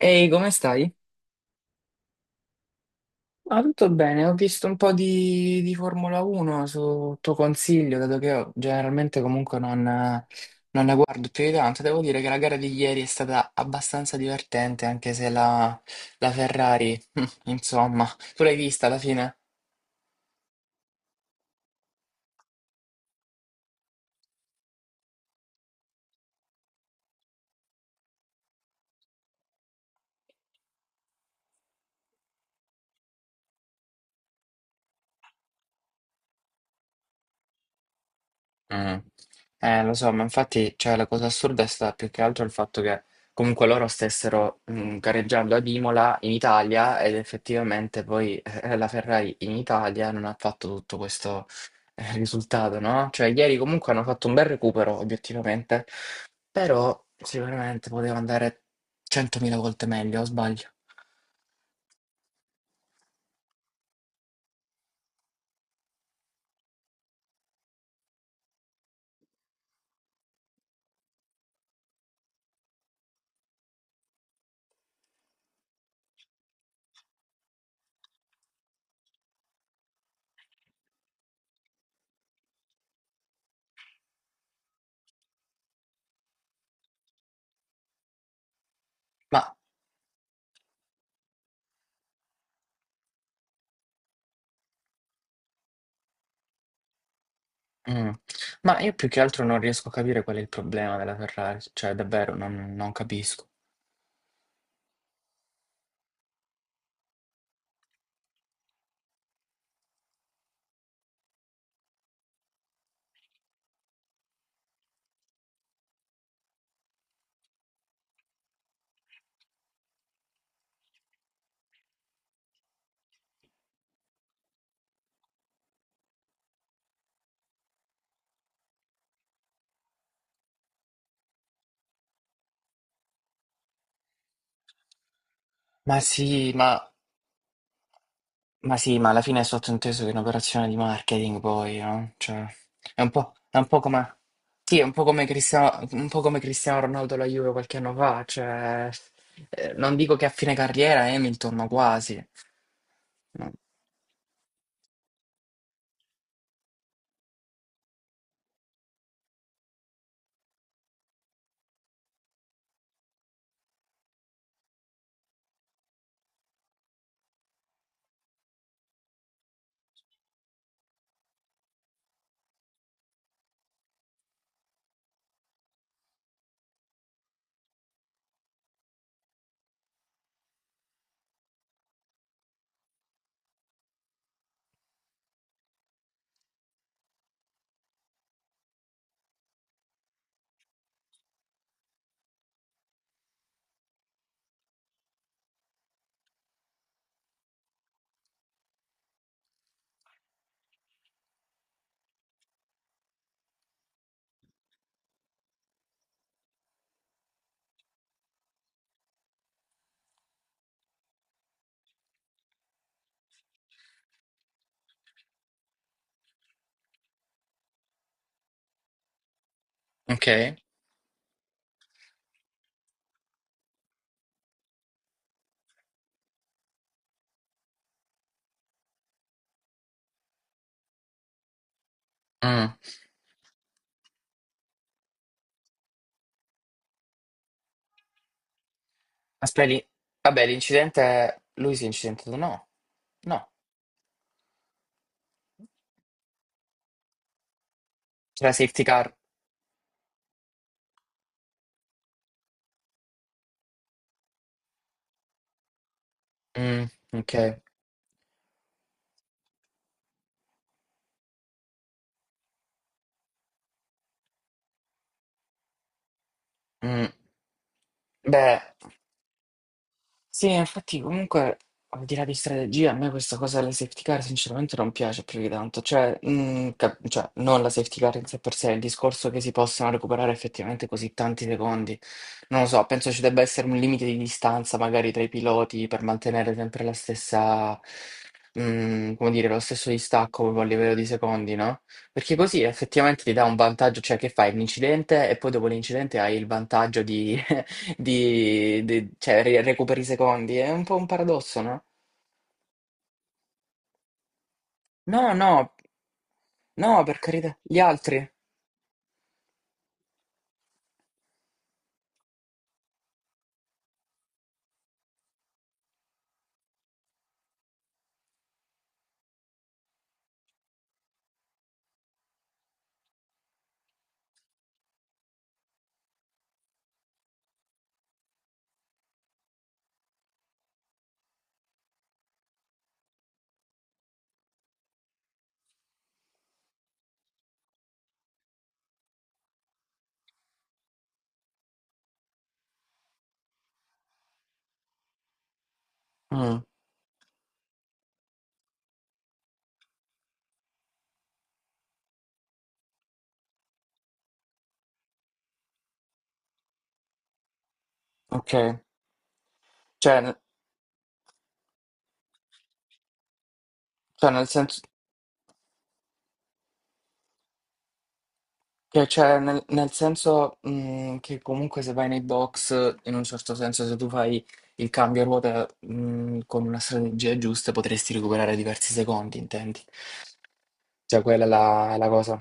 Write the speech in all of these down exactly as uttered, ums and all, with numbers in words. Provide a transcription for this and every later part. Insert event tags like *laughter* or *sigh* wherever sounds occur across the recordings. Ehi, come stai? Ah, tutto bene, ho visto un po' di, di Formula uno su tuo consiglio, dato che io generalmente comunque non, non ne guardo più di tanto. Devo dire che la gara di ieri è stata abbastanza divertente, anche se la, la Ferrari, *laughs* insomma, tu l'hai vista alla fine? Mm. Eh, lo so, ma infatti, cioè, la cosa assurda è stata più che altro il fatto che comunque loro stessero mh, gareggiando ad Imola in Italia ed effettivamente poi eh, la Ferrari in Italia non ha fatto tutto questo eh, risultato, no? Cioè, ieri comunque hanno fatto un bel recupero, obiettivamente, però sicuramente poteva andare centomila volte meglio, o sbaglio. Ma, mm, ma io più che altro non riesco a capire qual è il problema della Ferrari, cioè davvero non non capisco. Ma sì, ma, ma sì, ma alla fine è sottointeso che è un'operazione di marketing poi, no? Cioè, è un po', è un po' come, sì, è un po' come Cristiano, un po' come Cristiano Ronaldo alla Juve qualche anno fa, cioè, eh, non dico che a fine carriera è Hamilton, ma quasi. No. Ok? Mm. Aspetti, vabbè, l'incidente, lui si è incidentato, no? No, c'era la safety car. Mm, ok. Mm. Beh. Sì, infatti comunque al di là di strategia, a me questa cosa delle safety car sinceramente non piace più di tanto, cioè, mm, cap- cioè, non la safety car in sé per sé, il discorso che si possano recuperare effettivamente così tanti secondi, non lo so, penso ci debba essere un limite di distanza magari tra i piloti per mantenere sempre la stessa, mm, come dire, lo stesso distacco proprio a livello di secondi, no? Perché così effettivamente ti dà un vantaggio, cioè che fai l'incidente e poi dopo l'incidente hai il vantaggio di di, di- cioè, ri- recuperi i secondi. È un po' un paradosso, no? No, no, no, per carità, gli altri. Mm, ok. Cioè, n- cioè, nel senso, che- cioè, nel, nel senso, mm, che comunque se vai nei box, in un certo senso, se tu fai il cambio a ruota, mm, con una strategia giusta, potresti recuperare diversi secondi, intendi? Cioè, quella è la, la cosa.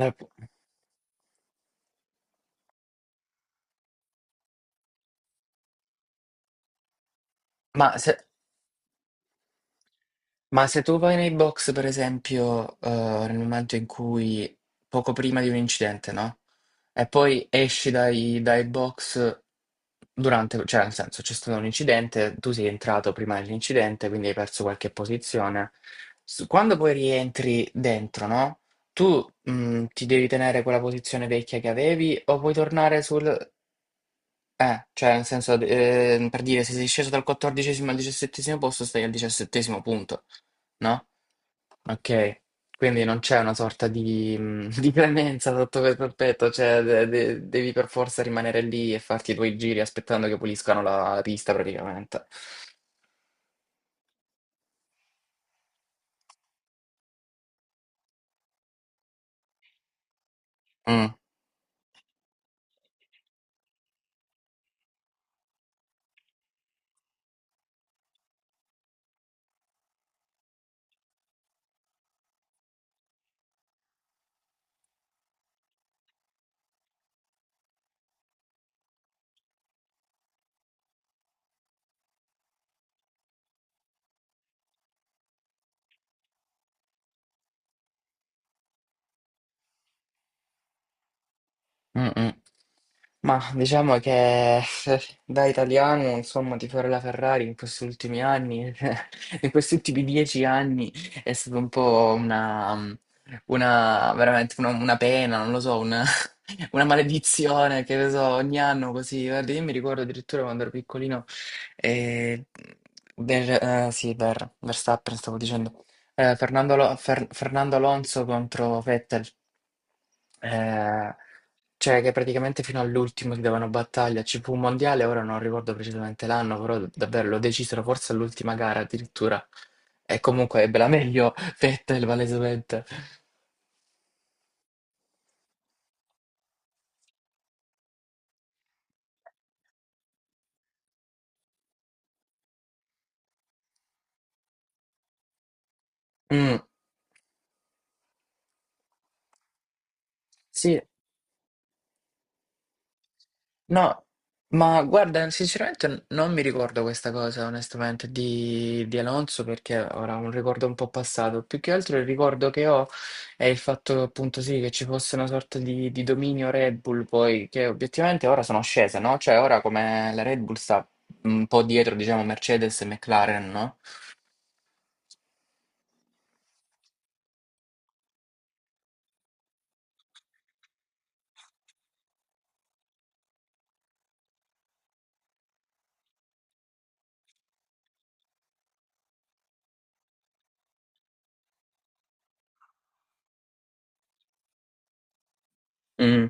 La- Ma se, Ma se tu vai nei box, per esempio, eh, nel momento in cui, poco prima di un incidente, no? E poi esci dai, dai box durante, cioè nel senso c'è stato un incidente, tu sei entrato prima dell'incidente, quindi hai perso qualche posizione. S- Quando poi rientri dentro, no? Tu mh, ti devi tenere quella posizione vecchia che avevi o puoi tornare sul... Eh, cioè nel senso, eh, per dire, se sei sceso dal quattordicesimo al diciassettesimo posto, stai al diciassettesimo punto, no? Ok, quindi non c'è una sorta di, mm, *laughs* di clemenza sotto questo aspetto, cioè de- de- devi per forza rimanere lì e farti i tuoi giri aspettando che puliscano la pista praticamente. Mm, mm, mm. Ma diciamo che *laughs* da italiano, insomma, tifare la Ferrari in questi ultimi anni, *laughs* in questi ultimi dieci anni è stato un po' una, una veramente una, una pena, non lo so, una, *laughs* una maledizione che ne so, ogni anno così. Guarda, io mi ricordo addirittura quando ero piccolino, eh, Ver- eh, sì, Ver- Verstappen stavo dicendo, eh, Fernando, Alo- Fer- Fernando Alonso contro Vettel. Ehm, cioè che praticamente fino all'ultimo si davano battaglia. Ci fu un mondiale, ora non ricordo precisamente l'anno, però davvero lo decisero forse all'ultima gara addirittura. E comunque ebbe la meglio *laughs* Vettel, palesemente. Mm, sì. No, ma guarda, sinceramente n- non mi ricordo questa cosa, onestamente, di, di Alonso, perché ora ho un ricordo un po' passato. Più che altro il ricordo che ho è il fatto, appunto, sì, che ci fosse una sorta di, di dominio Red Bull, poi, che obiettivamente ora sono scese, no? Cioè, ora come la Red Bull sta un po' dietro, diciamo, Mercedes e McLaren, no? Mm.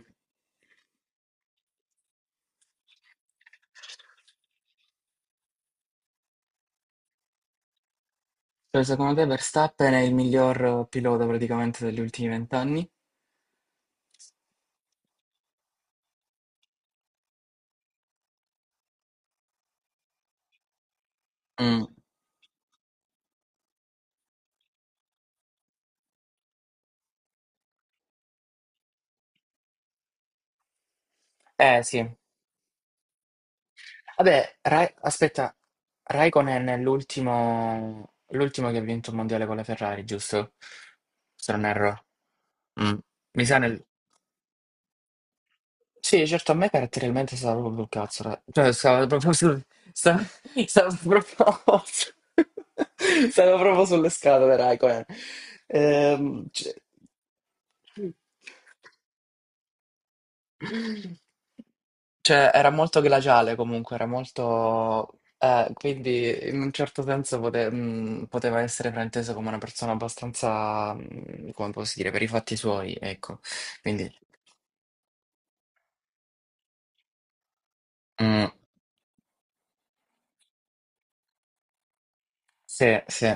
Cioè, secondo te Verstappen è il miglior pilota praticamente degli ultimi vent'anni? Mm. Eh sì, vabbè, Ra- aspetta, Raikkonen è l'ultimo l'ultimo che ha vinto il mondiale con la Ferrari, giusto? Se non erro. Mm. Mi sa nel... Sì, certo, a me caratterialmente stava proprio sul cazzo, ra- cioè stava proprio sul... sta- Stava, proprio... *laughs* stava proprio sulle scatole Raikkonen. Ehm, cioè- Cioè, era molto glaciale comunque, era molto... eh, quindi in un certo senso pote- mh, poteva essere frainteso come una persona abbastanza, mh, come posso dire, per i fatti suoi, ecco. Quindi, mm, sì, sì.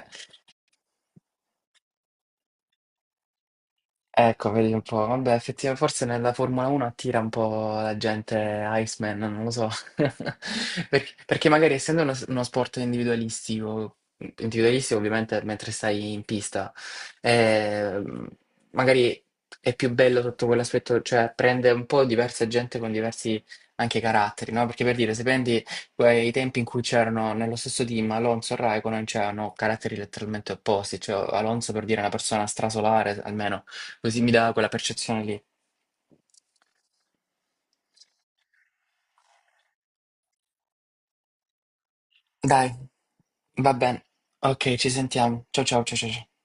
Ecco, vedi un po', vabbè, effettivamente forse nella Formula uno attira un po' la gente Iceman, non lo so, *laughs* perché, perché magari essendo uno, uno sport individualistico, individualistico ovviamente mentre stai in pista, eh, magari è più bello sotto quell'aspetto, cioè prende un po' diversa gente con diversi anche caratteri, no? Perché per dire, se prendi eh, i tempi in cui c'erano nello stesso team Alonso e Raikkonen, c'erano caratteri letteralmente opposti, cioè Alonso per dire è una persona strasolare, almeno. Così mi dà quella percezione lì. Dai, va bene. Ok, ci sentiamo. Ciao ciao ciao ciao. Ciao.